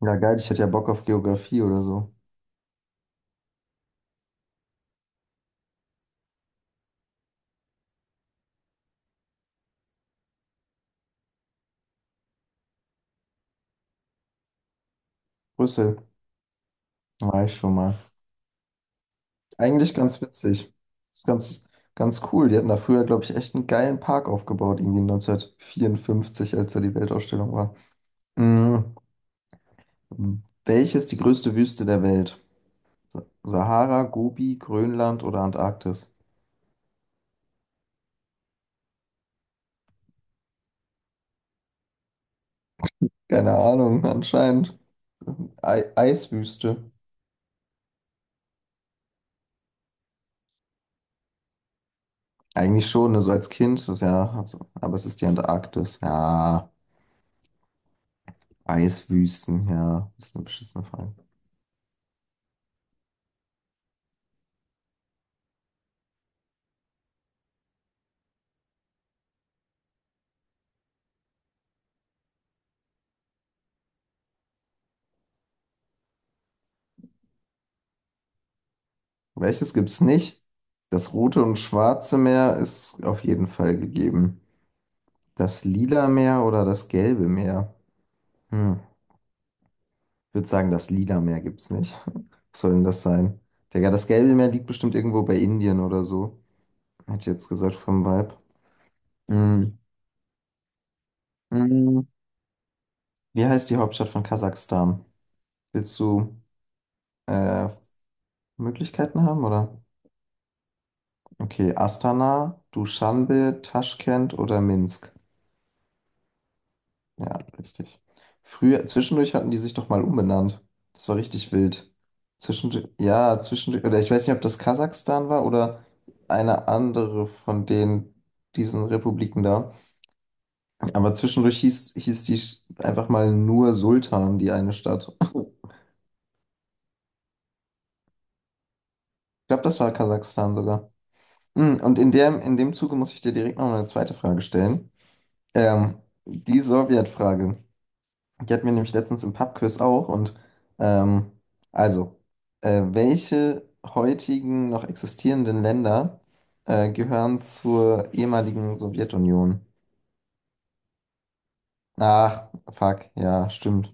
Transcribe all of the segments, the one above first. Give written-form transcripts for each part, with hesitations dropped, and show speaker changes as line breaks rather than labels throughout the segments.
Ja, geil, ich hätte ja Bock auf Geografie oder so. Brüssel, war ich schon mal. Eigentlich ganz witzig. Ist ganz cool. Die hatten da früher, glaube ich, echt einen geilen Park aufgebaut, irgendwie 1954, als da die Weltausstellung war. Mhm. Welches die größte Wüste der Welt? Sahara, Gobi, Grönland oder Antarktis? Keine Ahnung, anscheinend. Ei Eiswüste. Eigentlich schon, ne, so als Kind, das ist ja, also, aber es ist die Antarktis. Ja. Eiswüsten, ja, das ist eine beschissene Frage. Welches gibt's nicht? Das Rote und Schwarze Meer ist auf jeden Fall gegeben. Das Lila Meer oder das Gelbe Meer? Hm. Ich würde sagen, das Lila Meer gibt's nicht. Was soll denn das sein? Digga, das Gelbe Meer liegt bestimmt irgendwo bei Indien oder so. Hätte ich jetzt gesagt vom Vibe. Hm. Hm. Wie heißt die Hauptstadt von Kasachstan? Willst du äh, Möglichkeiten haben, oder? Okay, Astana, Duschanbe, Taschkent oder Minsk? Ja, richtig. Früher, zwischendurch hatten die sich doch mal umbenannt. Das war richtig wild. Zwischendurch, ja, zwischendurch, oder ich weiß nicht, ob das Kasachstan war oder eine andere von den, diesen Republiken da. Aber zwischendurch hieß die einfach mal nur Sultan, die eine Stadt. Ich glaube, das war Kasachstan sogar. Hm, und in dem Zuge muss ich dir direkt noch eine zweite Frage stellen. Ähm, die Sowjetfrage. Die hatten wir nämlich letztens im Pub-Quiz auch. Und ähm, also, welche heutigen noch existierenden Länder gehören zur ehemaligen Sowjetunion? Ach, fuck, ja, stimmt.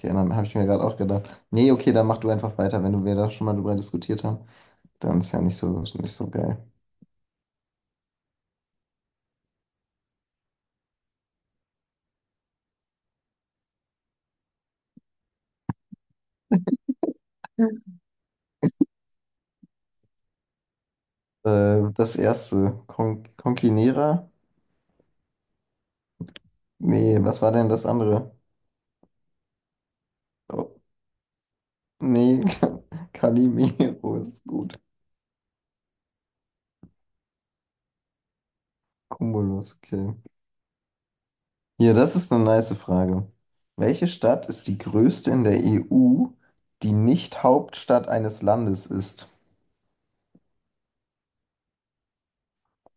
Die anderen habe ich mir gerade auch gedacht. Nee, okay, dann mach du einfach weiter, wenn du wir da schon mal drüber diskutiert haben. Dann ist ja nicht so, nicht so geil. Ja. Das erste, Conquinera? Nee, was war denn das andere? Oh, nee, Calimero ist gut. Cumulus, okay. Hier, das ist eine nice Frage. Welche Stadt ist die größte in der EU, die nicht Hauptstadt eines Landes ist?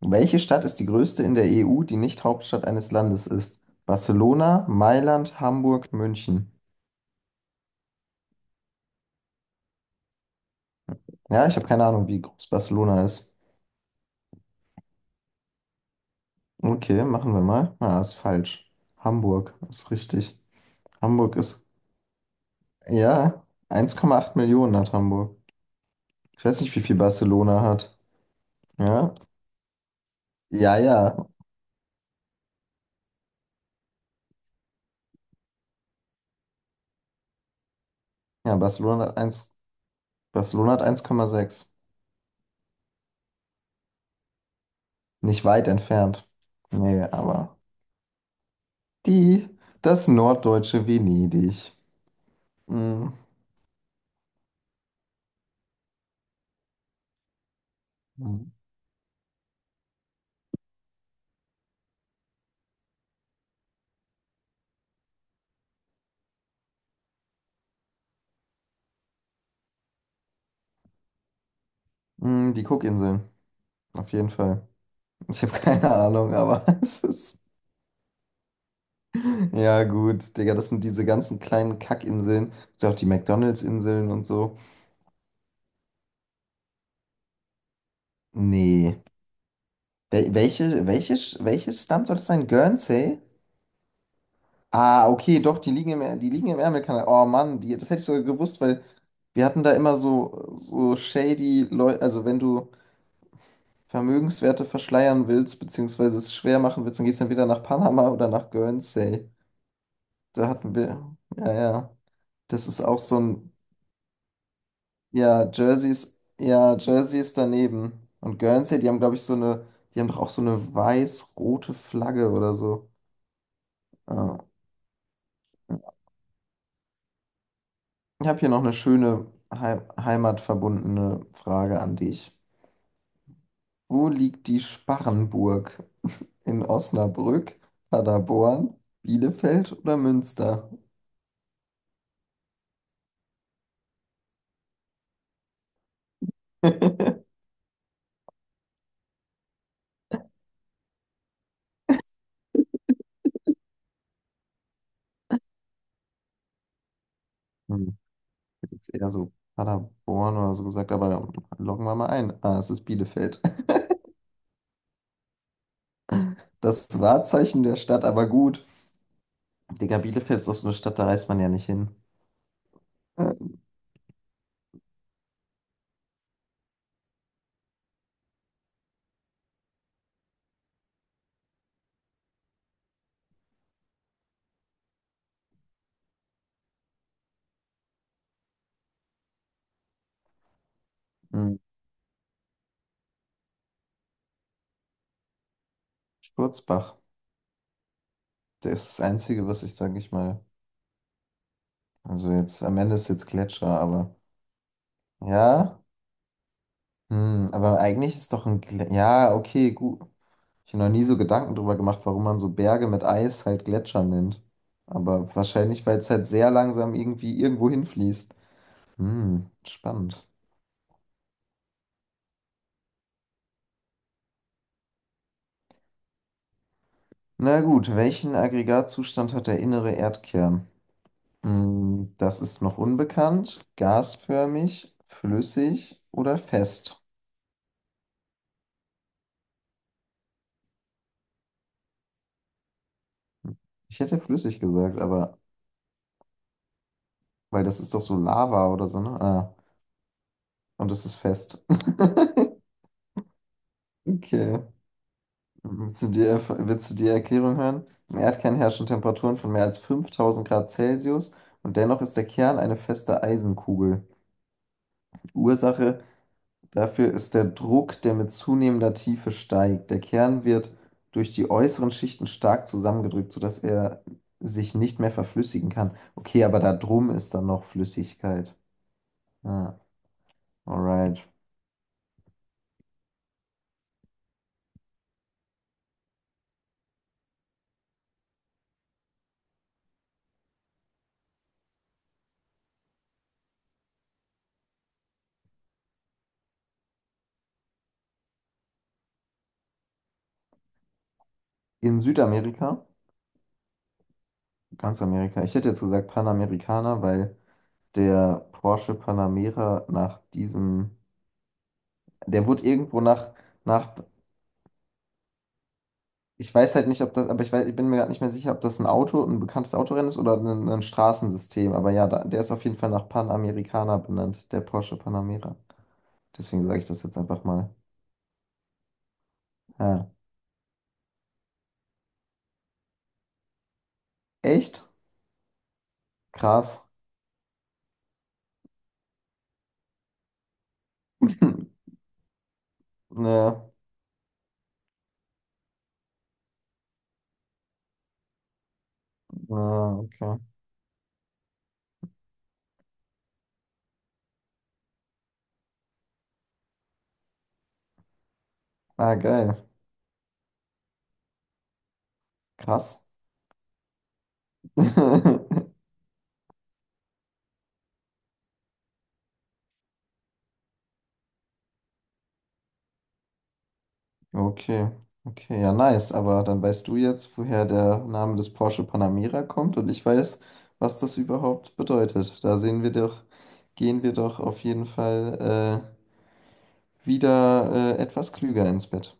Welche Stadt ist die größte in der EU, die nicht Hauptstadt eines Landes ist? Barcelona, Mailand, Hamburg, München. Ja, ich habe keine Ahnung, wie groß Barcelona ist. Okay, machen wir mal. Na, ist falsch. Hamburg ist richtig. Hamburg ist, ja, 1,8 Millionen hat Hamburg. Ich weiß nicht, wie viel Barcelona hat. Ja, ja, ja. Ja, Barcelona hat eins. Barcelona hat eins Komma sechs. Nicht weit entfernt. Nee, aber die, das norddeutsche Venedig. Mm. Mhm. Mm, die Cookinseln, auf jeden Fall. Ich habe keine Ahnung, aber es ist. Ja, gut, Digga, das sind diese ganzen kleinen Kackinseln. Ist ja auch die McDonald's-Inseln und so. Nee. Welche, welches Land soll das sein? Guernsey? Ah, okay, doch, die liegen im, die liegen im Ärmelkanal. Oh Mann, die, das hätte ich sogar gewusst, weil wir hatten da immer so, so shady Leute. Also, wenn du Vermögenswerte verschleiern willst, beziehungsweise es schwer machen willst, dann gehst du entweder nach Panama oder nach Guernsey. Da hatten wir, ja, ja. Das ist auch so ein, ja, Jersey ist daneben. Und Guernsey, die haben, glaube ich, so eine, die haben doch auch so eine weiß-rote Flagge oder so. Ah, ja, ich habe hier noch eine schöne heimatverbundene Frage an dich. Wo liegt die Sparrenburg? In Osnabrück, Paderborn, Bielefeld oder Münster? Hm, ich hätte jetzt eher so Paderborn oder so gesagt, aber loggen wir mal ein. Ah, es ist Bielefeld. Das Wahrzeichen der Stadt, aber gut. Digga, Bielefeld ist doch so eine Stadt, da reist man ja nicht hin. Äh, hm, Sturzbach, der ist das Einzige, was ich, sage ich mal. Also jetzt, am Ende ist jetzt Gletscher, aber ja. Hm, aber eigentlich ist doch ein... Glä ja, okay, gut. Ich habe noch nie so Gedanken drüber gemacht, warum man so Berge mit Eis halt Gletscher nennt. Aber wahrscheinlich, weil es halt sehr langsam irgendwie irgendwo hinfließt. Hm, spannend. Na gut, welchen Aggregatzustand hat der innere Erdkern? Hm, das ist noch unbekannt. Gasförmig, flüssig oder fest? Ich hätte flüssig gesagt, aber weil das ist doch so Lava oder so, ne? Ah, und es ist fest. Okay. Willst du die, willst du die Erklärung hören? Im Erdkern herrschen Temperaturen von mehr als 5.000 Grad Celsius und dennoch ist der Kern eine feste Eisenkugel. Ursache dafür ist der Druck, der mit zunehmender Tiefe steigt. Der Kern wird durch die äußeren Schichten stark zusammengedrückt, sodass er sich nicht mehr verflüssigen kann. Okay, aber da drum ist dann noch Flüssigkeit. Ah, alright. In Südamerika, ganz Amerika, ich hätte jetzt gesagt Panamerikaner, weil der Porsche Panamera nach diesem, der wurde irgendwo nach, nach, ich weiß halt nicht, ob das, aber ich weiß, ich bin mir gerade nicht mehr sicher, ob das ein Auto, ein bekanntes Autorennen ist oder ein Straßensystem. Aber ja, da, der ist auf jeden Fall nach Panamericana benannt, der Porsche Panamera. Deswegen sage ich das jetzt einfach mal. Ja. Echt? Krass. Ja, ja, okay. Ah, geil. Krass. Okay, okay, ja, nice. Aber dann weißt du jetzt, woher der Name des Porsche Panamera kommt und ich weiß, was das überhaupt bedeutet. Da sehen wir doch, gehen wir doch auf jeden Fall wieder etwas klüger ins Bett.